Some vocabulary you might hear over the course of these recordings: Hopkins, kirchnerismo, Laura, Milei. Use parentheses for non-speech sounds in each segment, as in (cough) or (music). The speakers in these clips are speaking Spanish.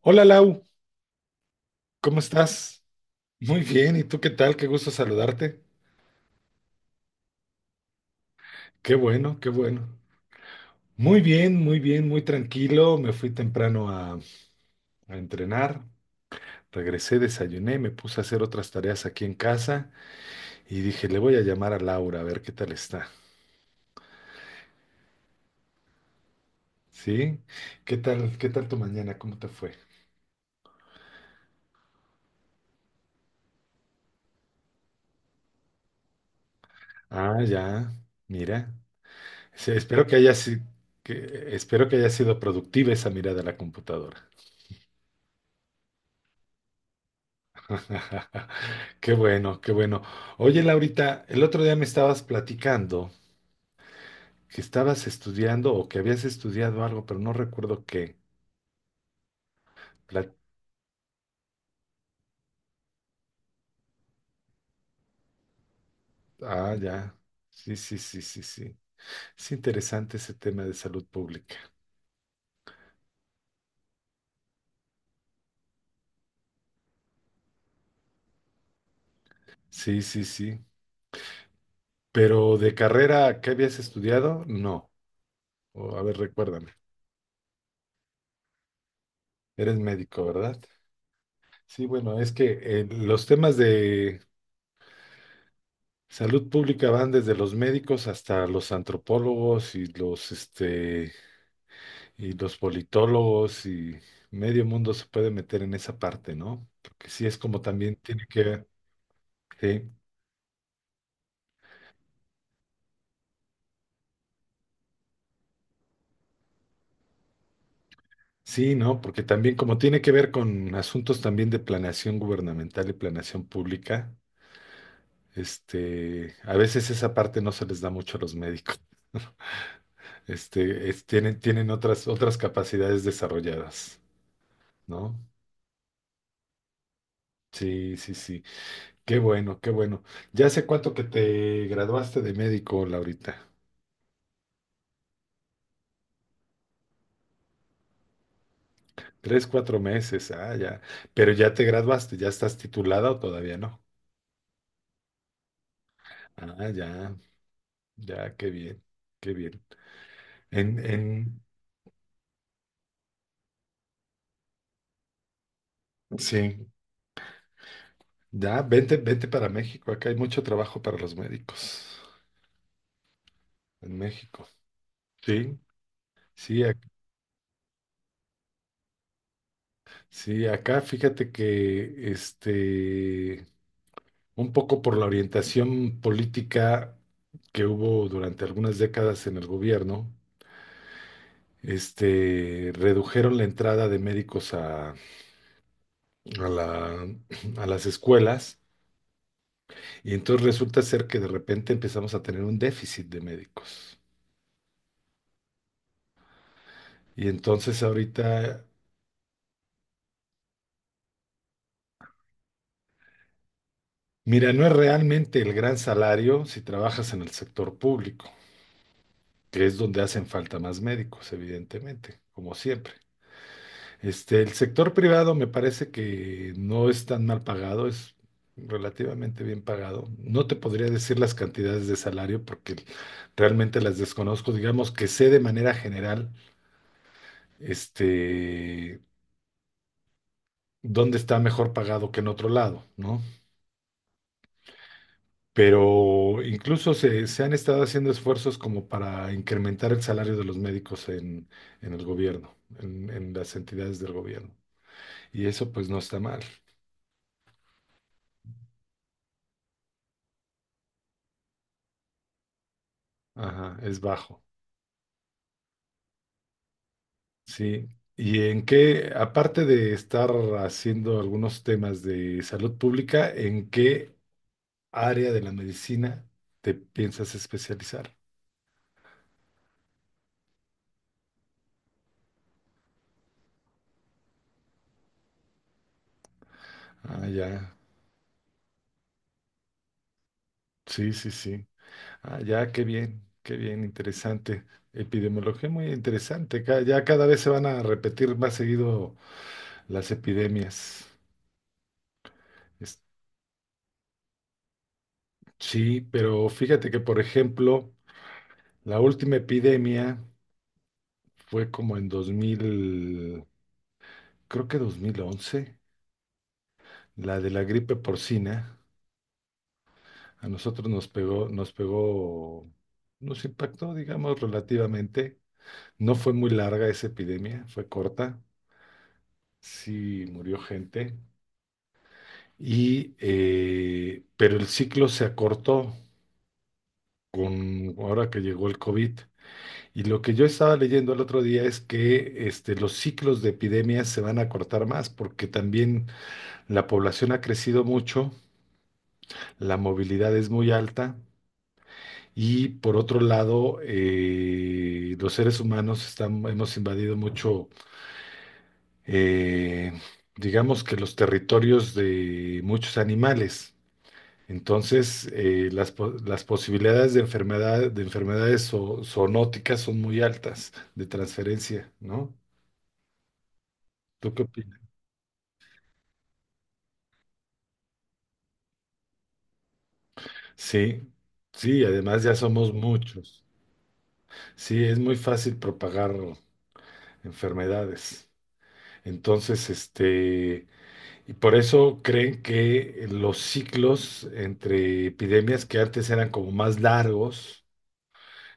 Hola Lau, ¿cómo estás? Muy bien, ¿y tú qué tal? Qué gusto saludarte. Qué bueno, qué bueno. Muy bien, muy bien, muy tranquilo. Me fui temprano a entrenar, regresé, desayuné, me puse a hacer otras tareas aquí en casa y dije, le voy a llamar a Laura a ver qué tal está. ¿Sí? ¿Qué tal tu mañana? ¿Cómo te fue? Ah, ya, mira. Sí, espero que haya sido productiva esa mirada a la computadora. (laughs) Qué bueno, qué bueno. Oye, Laurita, el otro día me estabas platicando que estabas estudiando o que habías estudiado algo, pero no recuerdo qué. Pla- ah, ya. Sí, sí, sí, sí, sí. Es interesante ese tema de salud pública. Sí, sí, sí. Pero de carrera, ¿qué habías estudiado? No. O, a ver, recuérdame. Eres médico, ¿verdad? Sí, bueno, es que los temas de salud pública van desde los médicos hasta los antropólogos y los politólogos y medio mundo se puede meter en esa parte, ¿no? Porque sí es como también tiene que ver, sí, sí, ¿no? Porque también como tiene que ver con asuntos también de planeación gubernamental y planeación pública, a veces esa parte no se les da mucho a los médicos. (laughs) Tienen otras capacidades desarrolladas, ¿no? Sí, sí, sí. Qué bueno, qué bueno. ¿Ya hace cuánto que te graduaste de médico, Laurita? Tres, cuatro meses, ah, ya. Pero ya te graduaste, ya estás titulada o todavía no. Ah, ya, ya, qué bien, qué bien. En, en, sí, ya, vente, vente para México, acá hay mucho trabajo para los médicos en México. Sí, sí, sí, acá fíjate que, un poco por la orientación política que hubo durante algunas décadas en el gobierno, redujeron la entrada de médicos a la- a las escuelas y entonces resulta ser que de repente empezamos a tener un déficit de médicos. Y entonces ahorita, mira, no es realmente el gran salario si trabajas en el sector público, que es donde hacen falta más médicos, evidentemente, como siempre. El sector privado me parece que no es tan mal pagado, es relativamente bien pagado. No te podría decir las cantidades de salario porque realmente las desconozco. Digamos que sé de manera general este, dónde está mejor pagado que en otro lado, ¿no? Pero incluso se han estado haciendo esfuerzos como para incrementar el salario de los médicos en el gobierno, en las entidades del gobierno. Y eso pues no está mal. Ajá, es bajo. Sí. ¿Y en qué, aparte de estar haciendo algunos temas de salud pública, en qué área de la medicina te piensas especializar? Ah, ya. Sí, sí, sí. Ah, ya, qué bien, interesante. Epidemiología muy interesante. Ya cada vez se van a repetir más seguido las epidemias. Es- sí, pero fíjate que, por ejemplo, la última epidemia fue como en 2000, creo que 2011, la de la gripe porcina. A nosotros nos pegó, nos pegó, nos impactó, digamos, relativamente. No fue muy larga esa epidemia, fue corta. Sí, murió gente. Y, pero el ciclo se acortó con ahora que llegó el COVID. Y lo que yo estaba leyendo el otro día es que los ciclos de epidemias se van a acortar más porque también la población ha crecido mucho, la movilidad es muy alta. Y por otro lado, los seres humanos hemos invadido mucho, eh, digamos que los territorios de muchos animales. Entonces, las posibilidades de enfermedades zoonóticas son muy altas de transferencia, ¿no? ¿Tú qué opinas? Sí, sí, además ya somos muchos. Sí, es muy fácil propagar enfermedades. Entonces, y por eso creen que los ciclos entre epidemias que antes eran como más largos,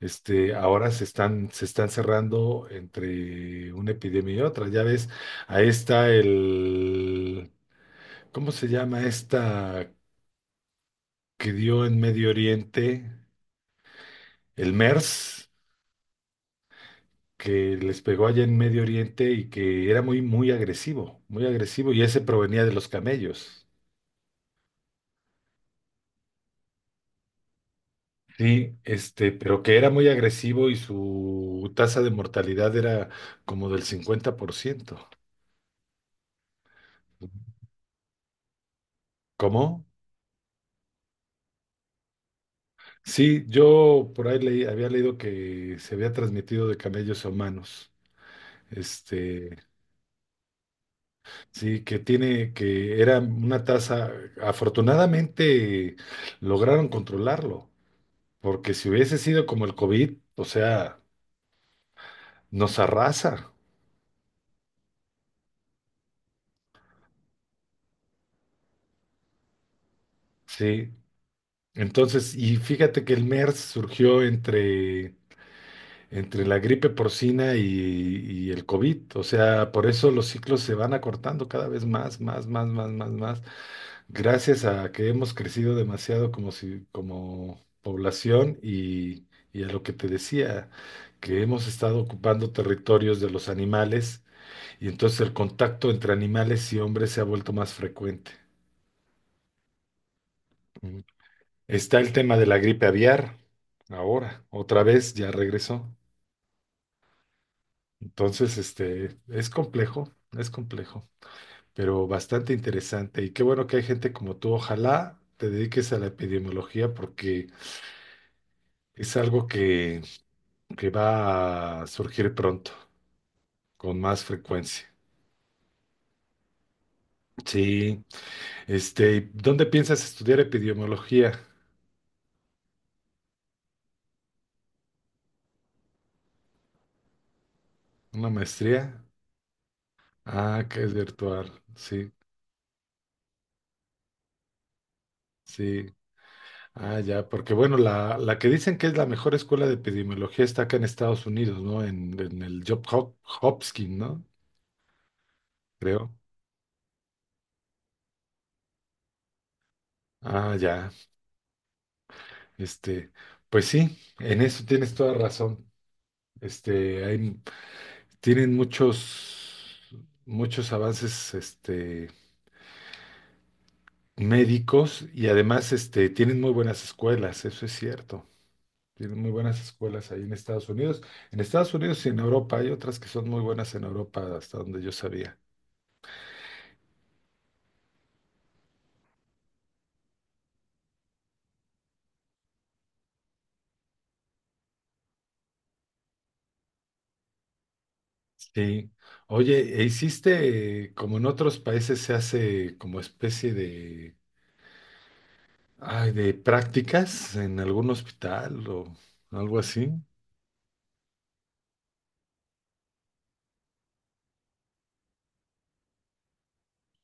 Ahora se están cerrando entre una epidemia y otra. Ya ves, ahí está ¿cómo se llama esta que dio en Medio Oriente? El MERS, que les pegó allá en Medio Oriente y que era muy, muy agresivo, y ese provenía de los camellos. Sí, pero que era muy agresivo y su tasa de mortalidad era como del 50%. ¿Cómo? Sí, yo por ahí había leído que se había transmitido de camellos a humanos. Este, sí, que era una tasa, afortunadamente lograron controlarlo, porque si hubiese sido como el COVID, o sea, nos arrasa, sí. Entonces, y fíjate que el MERS surgió entre la gripe porcina y el COVID, o sea, por eso los ciclos se van acortando cada vez más, más, más, más, más, más. Gracias a que hemos crecido demasiado como si, como población y a lo que te decía, que hemos estado ocupando territorios de los animales y entonces el contacto entre animales y hombres se ha vuelto más frecuente. Mm. Está el tema de la gripe aviar, ahora, otra vez ya regresó. Entonces, es complejo, pero bastante interesante. Y qué bueno que hay gente como tú. Ojalá te dediques a la epidemiología porque es algo que va a surgir pronto, con más frecuencia. Sí, ¿dónde piensas estudiar epidemiología? ¿Una maestría? Ah, que es virtual, sí, sí. Ah, ya, porque bueno, la que dicen que es la mejor escuela de epidemiología está acá en Estados Unidos, ¿no? En el Job Hopkins, ¿no? Creo. Ah, ya, este, pues sí, en eso tienes toda razón. Este, hay, Tienen muchos, muchos avances médicos y además tienen muy buenas escuelas, eso es cierto. Tienen muy buenas escuelas ahí en Estados Unidos. En Estados Unidos y en Europa hay otras que son muy buenas en Europa, hasta donde yo sabía. Sí. Oye, ¿e hiciste, como en otros países se hace como especie de prácticas en algún hospital o algo así?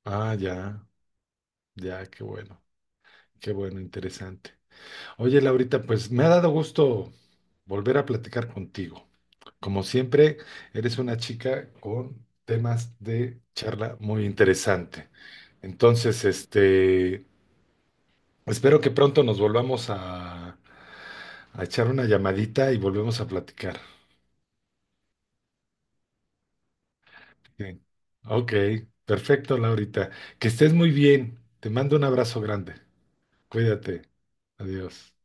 Ah, ya, ya, qué bueno, interesante. Oye, Laurita, pues me ha dado gusto volver a platicar contigo. Como siempre, eres una chica con temas de charla muy interesante. Entonces, espero que pronto nos volvamos a, echar una llamadita y volvemos a platicar. Bien. Ok, perfecto, Laurita. Que estés muy bien. Te mando un abrazo grande. Cuídate. Adiós.